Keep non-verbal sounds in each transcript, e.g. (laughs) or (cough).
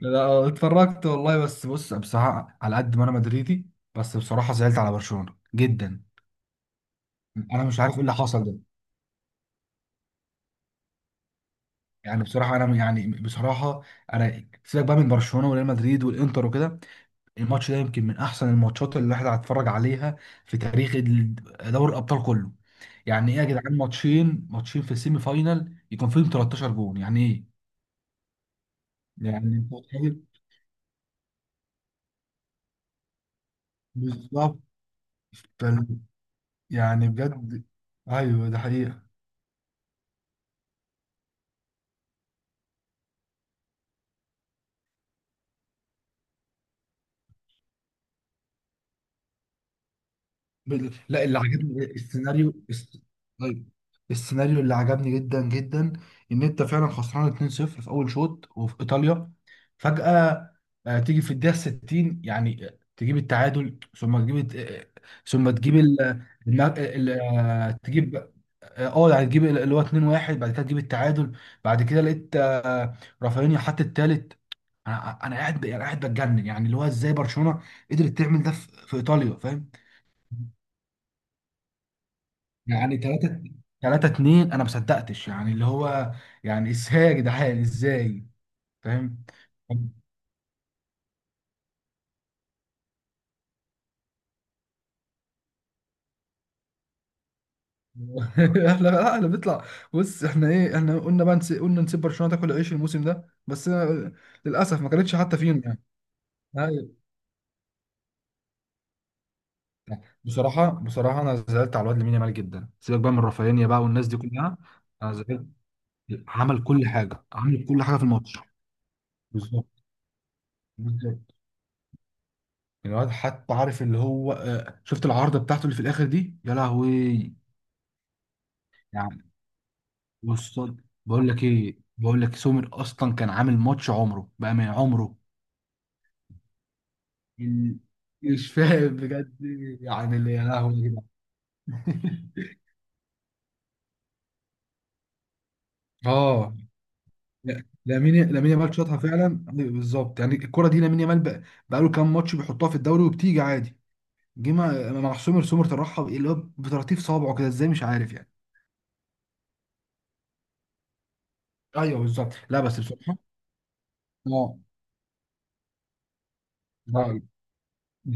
لا اتفرجت والله. بس بص، بصراحة على قد ما انا مدريدي، بس بصراحة زعلت على برشلونة جدا. انا مش عارف ايه اللي حصل ده. يعني بصراحة انا سيبك بقى من برشلونة وريال مدريد والانتر وكده. الماتش ده يمكن من احسن الماتشات اللي الواحد هيتفرج عليها في تاريخ دوري الابطال كله. يعني ايه يا جدعان، ماتشين ماتشين في السيمي فاينال يكون فيهم 13 جون؟ يعني ايه؟ يعني انت متخيل. بالظبط. فال- يعني بجد. ايوه ده حقيقة. لا، اللي عجبني السيناريو طيب، السيناريو اللي عجبني جدا جدا ان انت فعلا خسران 2-0 في اول شوط وفي ايطاليا، فجأة تيجي في الدقيقة 60، يعني تجيب التعادل، ثم تجيب الت- آه، ثم تجيب ال الم- ال- آه، تجيب، يعني تجيب اللي هو 2-1، بعد كده تجيب التعادل. بعد كده لقيت رافينيا حط التالت. انا قاعد بتجنن، يعني اللي هو ازاي برشلونة قدرت تعمل ده في ايطاليا، فاهم؟ يعني 3 2، انا ما صدقتش، يعني اللي هو يعني ازاي يا جدعان ازاي، فاهم؟ (laughs) احنا، لا احنا بنطلع. بص احنا ايه، احنا قلنا بقى قلنا نسيب برشلونة تاكل العيش الموسم ده، بس أنا للاسف ما كانتش حتى فيهم يعني. أيوة. بصراحة انا زعلت على الواد لامين يامال جدا، سيبك بقى من رافينيا بقى والناس دي كلها. انا زعلت. عمل كل حاجة، عمل كل حاجة في الماتش. بالظبط بالظبط. الواد حتى عارف اللي هو، شفت العارضة بتاعته اللي في الاخر دي، يا لهوي. يعني بص، بقول لك ايه، بقول لك سومر اصلا كان عامل ماتش عمره بقى من عمره. ال- مش فاهم بجد، يعني اللي، يا لهوي يا جدعان. (laughs) اه لا، لامين يامال شاطها فعلا. أيوة بالظبط. يعني الكره دي لامين يامال بقى، بقى له كام ماتش بيحطها في الدوري وبتيجي عادي. جه مع سومر طرحها اللي هو بطراطيف صوابعه كده، ازاي مش عارف يعني. ايوه بالظبط. لا بس بصراحه. اه، لا. (laughs)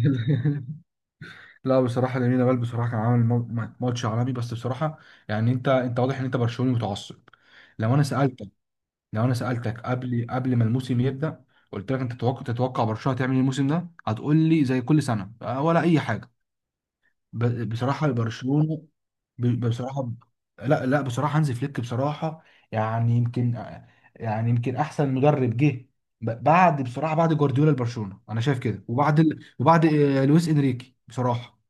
لا، بصراحة لامين يامال بصراحة كان عامل ماتش عالمي، بس بصراحة يعني انت واضح ان انت برشلوني متعصب. لو انا سألتك لو انا سألتك قبل ما الموسم يبدأ، قلت لك انت تتوقع برشلونة تعمل ايه الموسم ده، هتقول لي زي كل سنة، ولا اي حاجة. بصراحة برشلونة، بصراحة، لا لا بصراحة هانز فليك بصراحة، يعني يمكن يعني يمكن احسن مدرب جه بعد بصراحة بعد جوارديولا لبرشلونة، انا شايف كده. وبعد وبعد لويس انريكي، بصراحة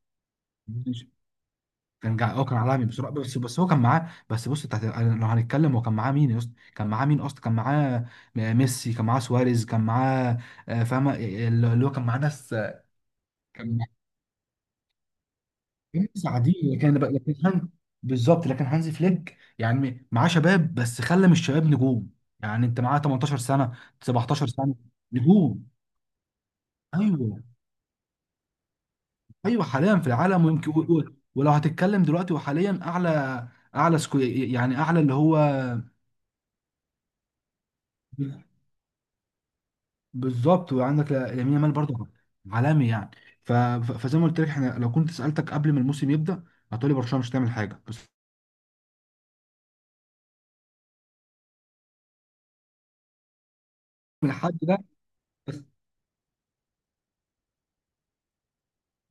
كان جع... اه كان عالمي بصراحه. بس هو كان معاه، بس بص انت لو هنتكلم هو كان معاه مين يا اسطى، كان معاه ميسي، كان معاه سواريز، كان معاه، فاهمه اللي هو كان معاه ناس آه، كان معاه ناس عاديين، لكن بالظبط، لكن هانزي فليك يعني معاه شباب، بس خلى من الشباب نجوم. يعني انت معاه 18 سنه، 17 سنه، نجوم. ايوه ايوه، حاليا في العالم، ويمكن و- و- ولو هتتكلم دلوقتي وحاليا اعلى، اعلى سكو... يعني اعلى اللي هو. بالظبط. وعندك لامين يامال برضه عالمي يعني. ف... ف- فزي ما قلت لك، احنا لو كنت سالتك قبل ما الموسم يبدا هتقولي برشلونه مش هتعمل حاجه، بس من الحد ده بس.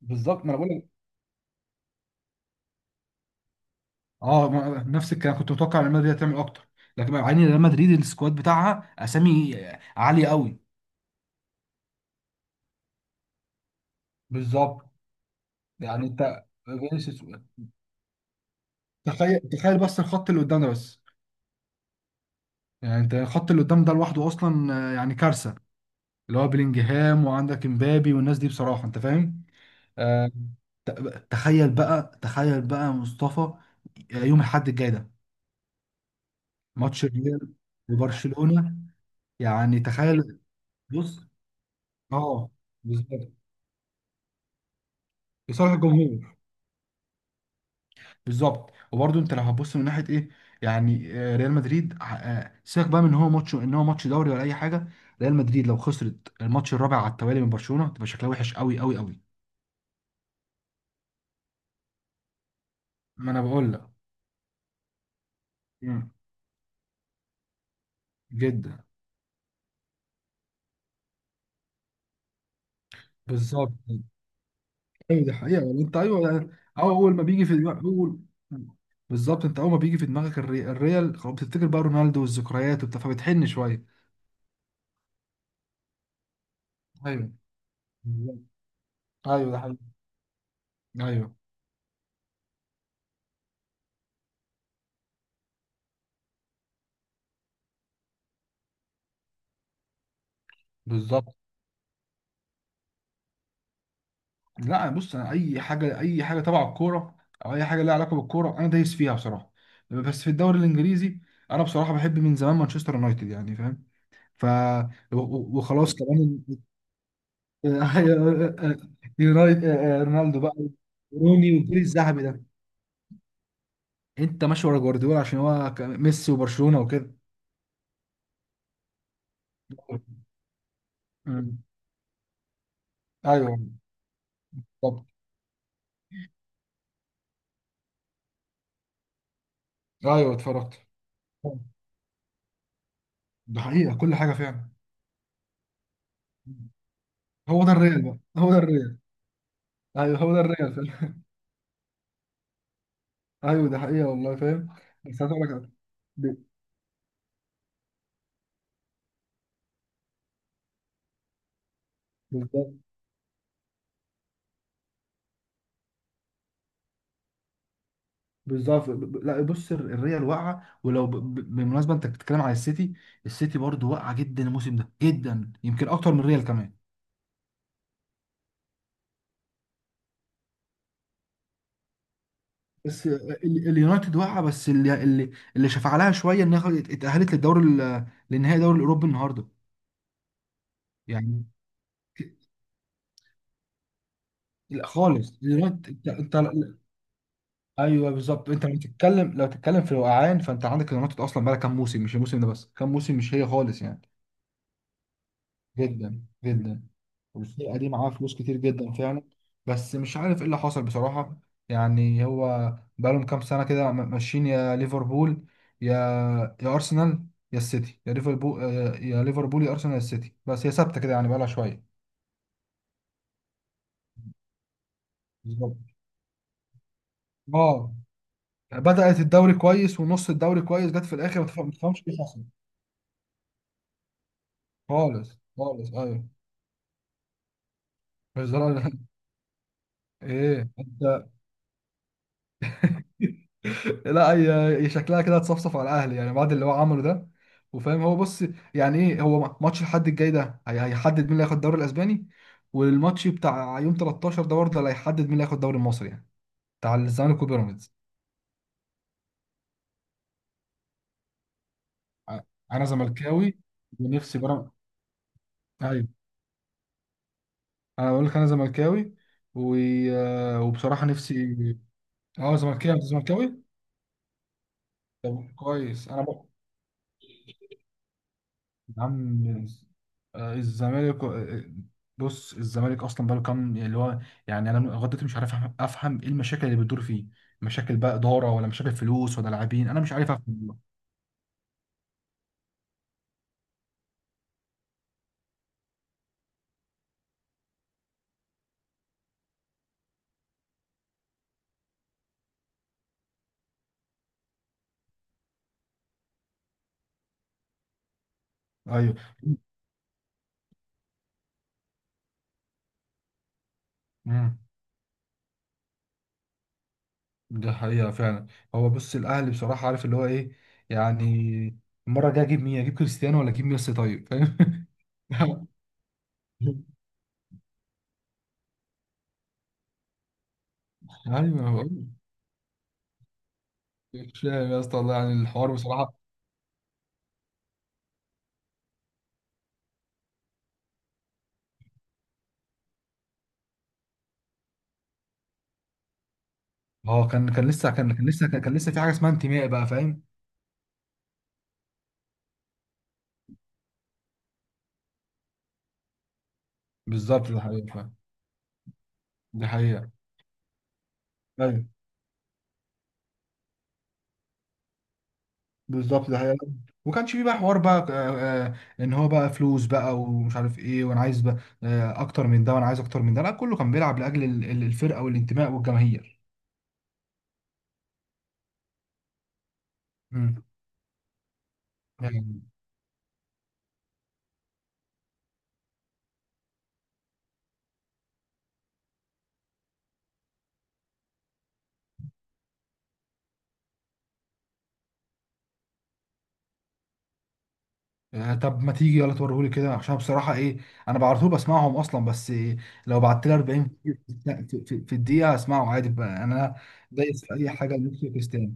بالظبط، ما انا بقول لك. اه ما... نفس الكلام، كنت متوقع ان ريال مدريد هتعمل اكتر. لكن مع ان ريال مدريد السكواد بتاعها اسامي عاليه قوي. بالظبط. يعني انت فينيسيوس. تخيل، تخيل بس الخط اللي قدامنا، بس يعني انت الخط اللي قدام ده لوحده اصلا، يعني كارثه، اللي هو بلينجهام وعندك امبابي والناس دي بصراحه، انت فاهم. آه، ت- تخيل بقى، تخيل بقى مصطفى، يوم الأحد الجاي ده، ماتش الريال وبرشلونة، يعني تخيل. بص. اه. بالظبط. لصالح الجمهور، بالظبط. وبرده انت لو هتبص من ناحيه ايه، يعني ريال مدريد سيبك بقى من ان هو ماتش، ان هو ماتش دوري ولا اي حاجه. ريال مدريد لو خسرت الماتش الرابع على التوالي من برشلونه تبقى شكلها وحش قوي قوي قوي. ما انا بقول لك. مم. جدا. بالظبط. ايوه دي حقيقة والله، انت ايوه. أو اول ما بيجي في دماغك، اول بالظبط. انت اول ما بيجي في دماغك الريال، خلاص بتفتكر بقى رونالدو والذكريات وبتاع، فبتحن شوية. ايوه بالظبط. ايوه ده حقيقي. ايوه بالظبط. لا بص، انا اي حاجة، اي حاجة تبع الكورة او اي حاجة لها علاقة بالكورة انا دايس فيها بصراحة. بس في الدوري الانجليزي، انا بصراحة بحب من زمان مانشستر يونايتد، يعني فاهم. ف و- و- وخلاص كمان. (laughs) يونايتد، رونالدو بقى، روني والجيل الذهبي ده. انت ماشي ورا جوارديولا عشان هو ميسي وبرشلونة وكده. مم. ايوه بالظبط. ايوه اتفرجت. ده حقيقة، كل حاجة فعلا. هو ده الريال بقى، هو ده الريال. ايوه هو ده الريال فعلا. (laughs) ايوه ده حقيقة والله، فاهم. بس عايز اقول لك ب- بالظبط. لا بص، الريال واقعة، ولو بالمناسبة انت بتتكلم على السيتي، السيتي برضو واقعة جدا الموسم ده، جدا يمكن اكتر من الريال كمان. بس اليونايتد واقعه، بس اللي شفع لها شويه انها اتاهلت للدوري للنهائي الدوري الاوروبي النهارده يعني. لا خالص، اليونايتد انت، ايوه بالظبط. انت لو تتكلم في الوقعان فانت عندك اليونايتد اصلا بقى كام موسم، مش الموسم ده بس، كام موسم مش هي خالص يعني. جدا جدا. والفرقة دي معاها فلوس كتير جدا فعلا، بس مش عارف ايه اللي حصل بصراحة. يعني هو بقالهم كام سنة كده ماشيين، يا ليفربول، يا أرسنال، يا السيتي، يا ليفربول، يا أرسنال، يا السيتي، بس هي ثابتة كده يعني بقالها شوية. بالظبط. اه، بدأت الدوري كويس ونص الدوري كويس، جت في الآخر ما تفهمش ايه اللي حصل. خالص خالص ايوه. (laughs) مش ده رأيي. (laughs) ايه انت، لا هي هي شكلها كده هتصفصف على الاهلي، يعني بعد اللي هو عمله ده، وفاهم هو، بص يعني ايه، هو ماتش الحد الجاي ده هيحدد مين اللي هياخد الدوري الاسباني، والماتش بتاع يوم 13 ده برضه اللي هيحدد مين اللي هياخد الدوري المصري، يعني بتاع الزمالك وبيراميدز. أ- انا زملكاوي ونفسي بيراميدز. ايوه، انا بقول لك انا زملكاوي و، وبصراحه نفسي. اه زملكاوي، انت زملكاوي؟ طب كويس انا بقى. يا عم، الزمالك بص الزمالك اصلا بقاله كام يعني، اللي هو يعني انا لغايه دلوقتي مش عارف افهم ايه المشاكل اللي بتدور فيه، مشاكل بقى اداره ولا مشاكل فلوس ولا لاعبين، انا مش عارف افهم والله. ايوه. امم. ده حقيقه فعلا. هو بص الاهلي بصراحه عارف اللي هو ايه، يعني المره الجايه اجيب مين، اجيب كريستيانو ولا اجيب ميسي، طيب فاهم. (laughs) ايوه، بقول لك. مش فاهم يا اسطى والله، يعني الحوار بصراحه. اه كان كان لسه كان كان لسه كان كان لسه في حاجه اسمها انتماء بقى، فاهم. بالظبط، ده حقيقة فعلا. ده حقيقة. ايوه بالظبط، ده حقيقة. وكانش فيه بقى حوار بقى، ان هو بقى فلوس بقى ومش عارف ايه وانا عايز بقى اكتر من ده وانا عايز اكتر من ده، لا كله كان بيلعب لاجل الفرقة والانتماء والجماهير. مم. يعني طب ما تيجي يلا توريهولي كده، عشان بصراحة ايه، انا بعرف بسمعهم اصلا، بس إيه، لو بعت لي 40 في الدقيقة هسمعه عادي بقى انا. دايس في اي حاجة لميسي وكريستيانو.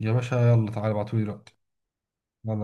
يا باشا يلا تعالى ابعتولي دلوقتي.